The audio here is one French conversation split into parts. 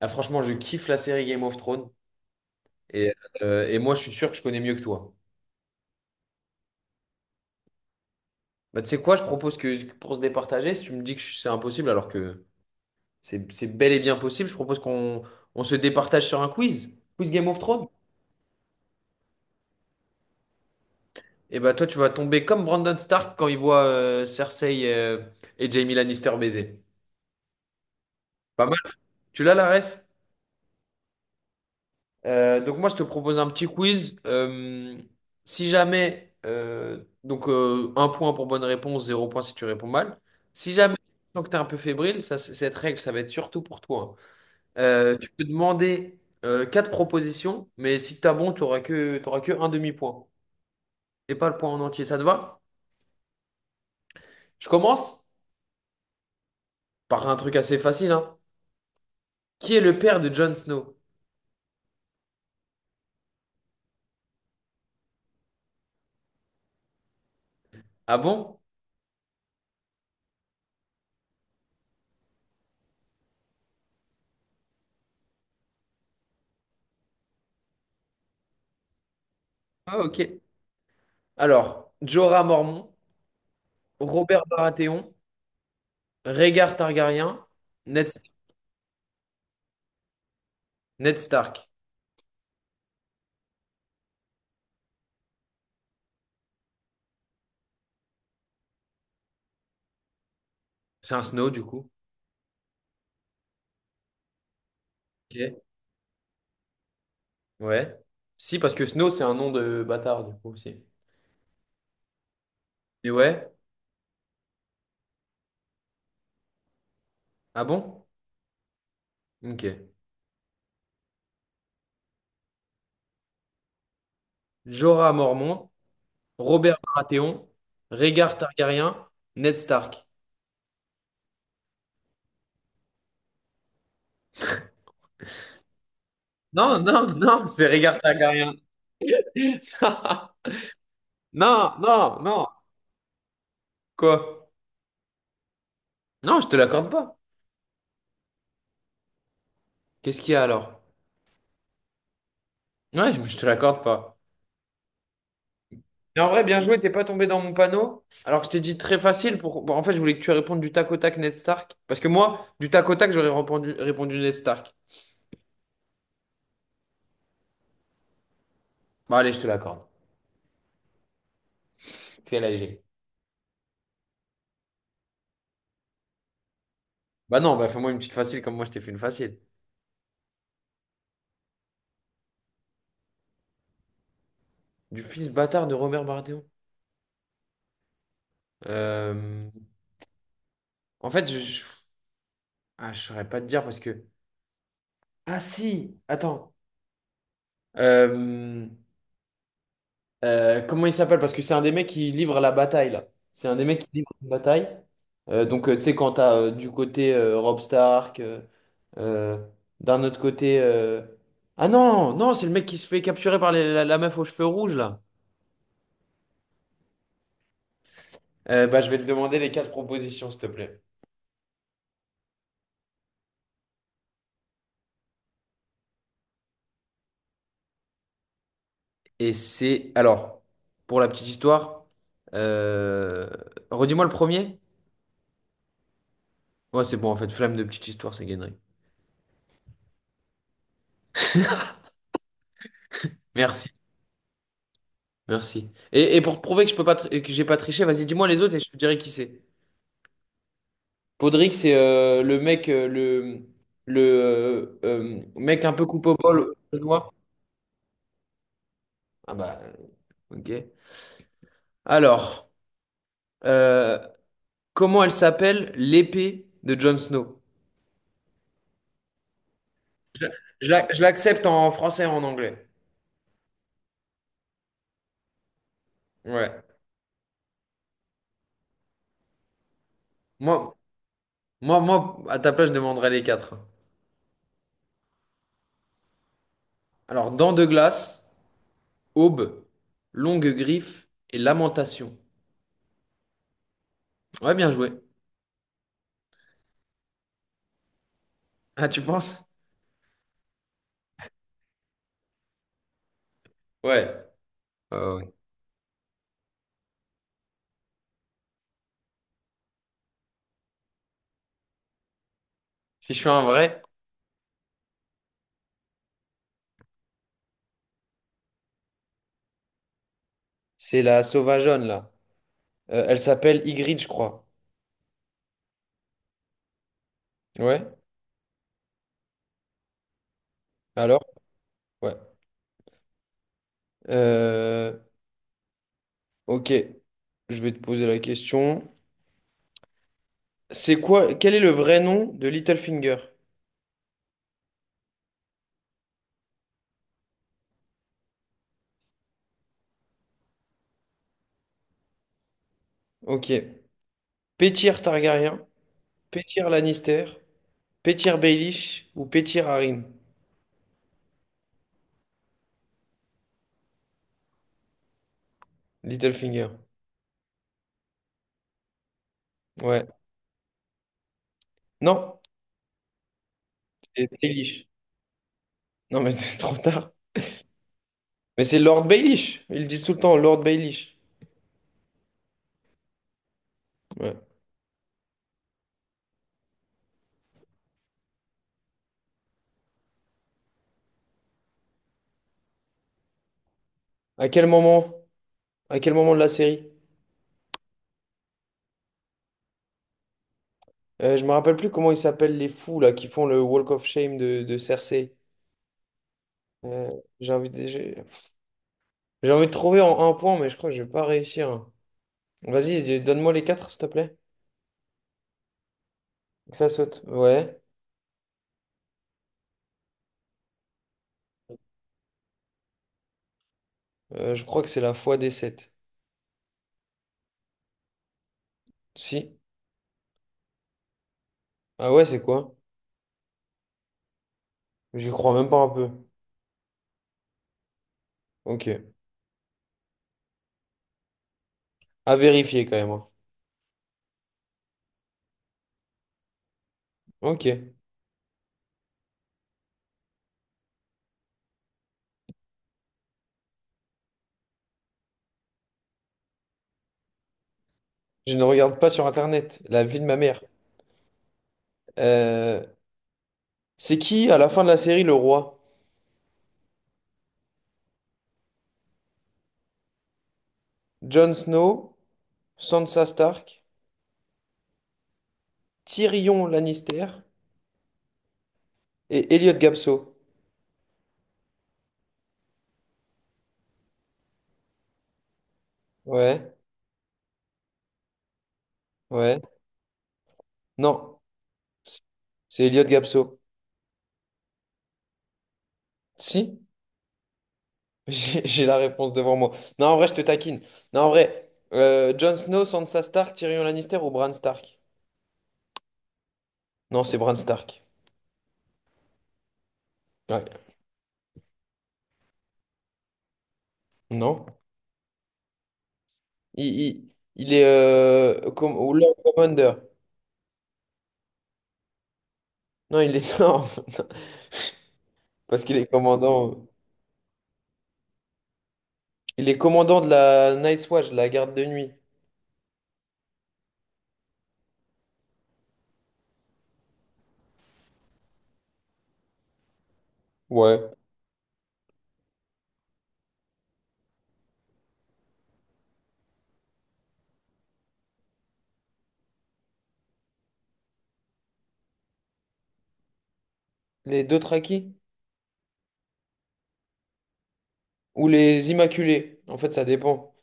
Ah, franchement, je kiffe la série Game of Thrones et, et moi, je suis sûr que je connais mieux que toi. Bah, tu sais quoi, je propose que pour se départager, si tu me dis que c'est impossible alors que c'est bel et bien possible, je propose qu'on on se départage sur un quiz, quiz Game of Thrones. Et bah toi, tu vas tomber comme Brandon Stark quand il voit Cersei et Jaime Lannister baiser. Pas mal. Tu l'as la ref? Donc moi, je te propose un petit quiz. Si jamais, donc Un point pour bonne réponse, zéro point si tu réponds mal. Si jamais, tant que tu es un peu fébrile, ça, cette règle, ça va être surtout pour toi, hein. Tu peux demander quatre propositions, mais si tu as bon, t'auras que un demi-point et pas le point en entier. Ça te va? Je commence par un truc assez facile, hein. Qui est le père de Jon Snow? Ah bon? Ah ok. Alors, Jorah Mormont, Robert Baratheon. Rhaegar Targaryen, Ned, Ned Stark. C'est un Snow, du coup. Ok. Ouais. Si, parce que Snow, c'est un nom de bâtard, du coup, aussi. Et ouais. Ah bon? Ok. Jorah Mormont, Robert Baratheon, Rhaegar Targaryen, Ned Stark. Non, non, non, c'est Rhaegar Targaryen. Non, non, non. Quoi? Non, je te l'accorde pas. Qu'est-ce qu'il y a alors? Ouais, je te l'accorde pas. Mais en vrai, bien joué, t'es pas tombé dans mon panneau. Alors que je t'ai dit très facile pour. Bon, en fait, je voulais que tu répondes du tac au tac Ned Stark. Parce que moi, du tac au tac, répondu Ned Stark. Bah allez, je te l'accorde. C'est léger. Bah non, bah fais-moi une petite facile comme moi je t'ai fait une facile. Du fils bâtard de Robert Baratheon. Euh, En fait, je... Ah, je saurais pas te dire parce que. Ah si, attends. Euh, Comment il s'appelle? Parce que c'est un des mecs qui livre la bataille, là. C'est un des mecs qui livre la bataille. Donc, tu sais, quand t'as du côté Robb Stark, euh, d'un autre côté. Ah non, non, c'est le mec qui se fait capturer par la, la meuf aux cheveux rouges, là. Bah, je vais te demander les quatre propositions, s'il te plaît. Et c'est. Alors, pour la petite histoire, euh, redis-moi le premier. Ouais, c'est bon, en fait, flamme de petite histoire, c'est gainerie. Merci. Merci. Et pour te prouver que je peux pas tr- que j'ai pas triché, vas-y, dis-moi les autres et je te dirai qui c'est. Podrick, c'est le mec un peu coupe au bol, le noir. Ah bah, ok. Alors, euh, comment elle s'appelle l'épée de Jon Snow? Je, je l'accepte en français et en anglais. Ouais. Moi, moi, à ta place, je demanderais les quatre. Alors, dents de glace, aube, longue griffe et lamentation. Ouais, bien joué. Ah, tu penses? Ouais. Ah ouais. Si je fais un vrai, c'est la sauvageonne, là. Elle s'appelle Ygritte, je crois. Ouais. Alors? Ouais. Euh, ok. Je vais te poser la question. C'est quoi, quel est le vrai nom de Littlefinger? Ok. Pétyr Targaryen, Pétyr Lannister, Pétyr Baelish ou Pétyr Arryn? Littlefinger. Ouais. Non, c'est Baelish. Non, mais c'est trop tard. Mais c'est Lord Baelish. Ils disent tout le temps, Lord Baelish. Ouais. À quel moment? À quel moment de la série? Je me rappelle plus comment ils s'appellent les fous là qui font le Walk of Shame de Cersei. Euh, j'ai envie de, j'ai j'ai envie de trouver en un point, mais je crois que je vais pas réussir. Vas-y, donne-moi les quatre, s'il te plaît. Ça saute. Ouais. Je crois que c'est la foi des sept. Si. Ah ouais, c'est quoi? J'y crois même pas un peu. Ok. À vérifier quand même, hein. Ok. Je ne regarde pas sur Internet. La vie de ma mère. Euh, c'est qui à la fin de la série le roi? Jon Snow, Sansa Stark, Tyrion Lannister. Et Elliot Gabso. Ouais, ouais. Non, c- c'est Elliot Gabso. Si? J'ai la réponse devant moi. Non, en vrai, je te taquine. Non, en vrai, Jon Snow, Sansa Stark, Tyrion Lannister ou Bran Stark? Non, c'est Bran Stark. Ouais. Non? Il, il, il est ou Lord Commander. Non, il est... Non, parce qu'il est commandant... Il est commandant de la Night's Watch, de la garde de nuit. Ouais. Les deux traquis? Ou les Immaculés? En fait, ça dépend.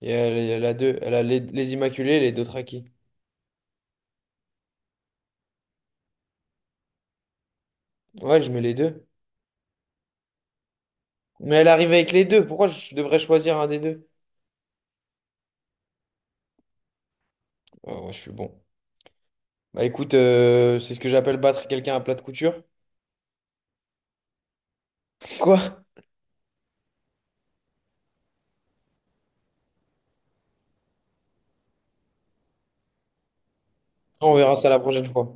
Et elle, elle a deux. Elle a les Immaculés et les Dothraki. Ouais, je mets les deux. Mais elle arrive avec les deux. Pourquoi je devrais choisir un des deux? Oh, ouais, je suis bon. Bah écoute, c'est ce que j'appelle battre quelqu'un à plat de couture. Quoi? On verra ça la prochaine fois.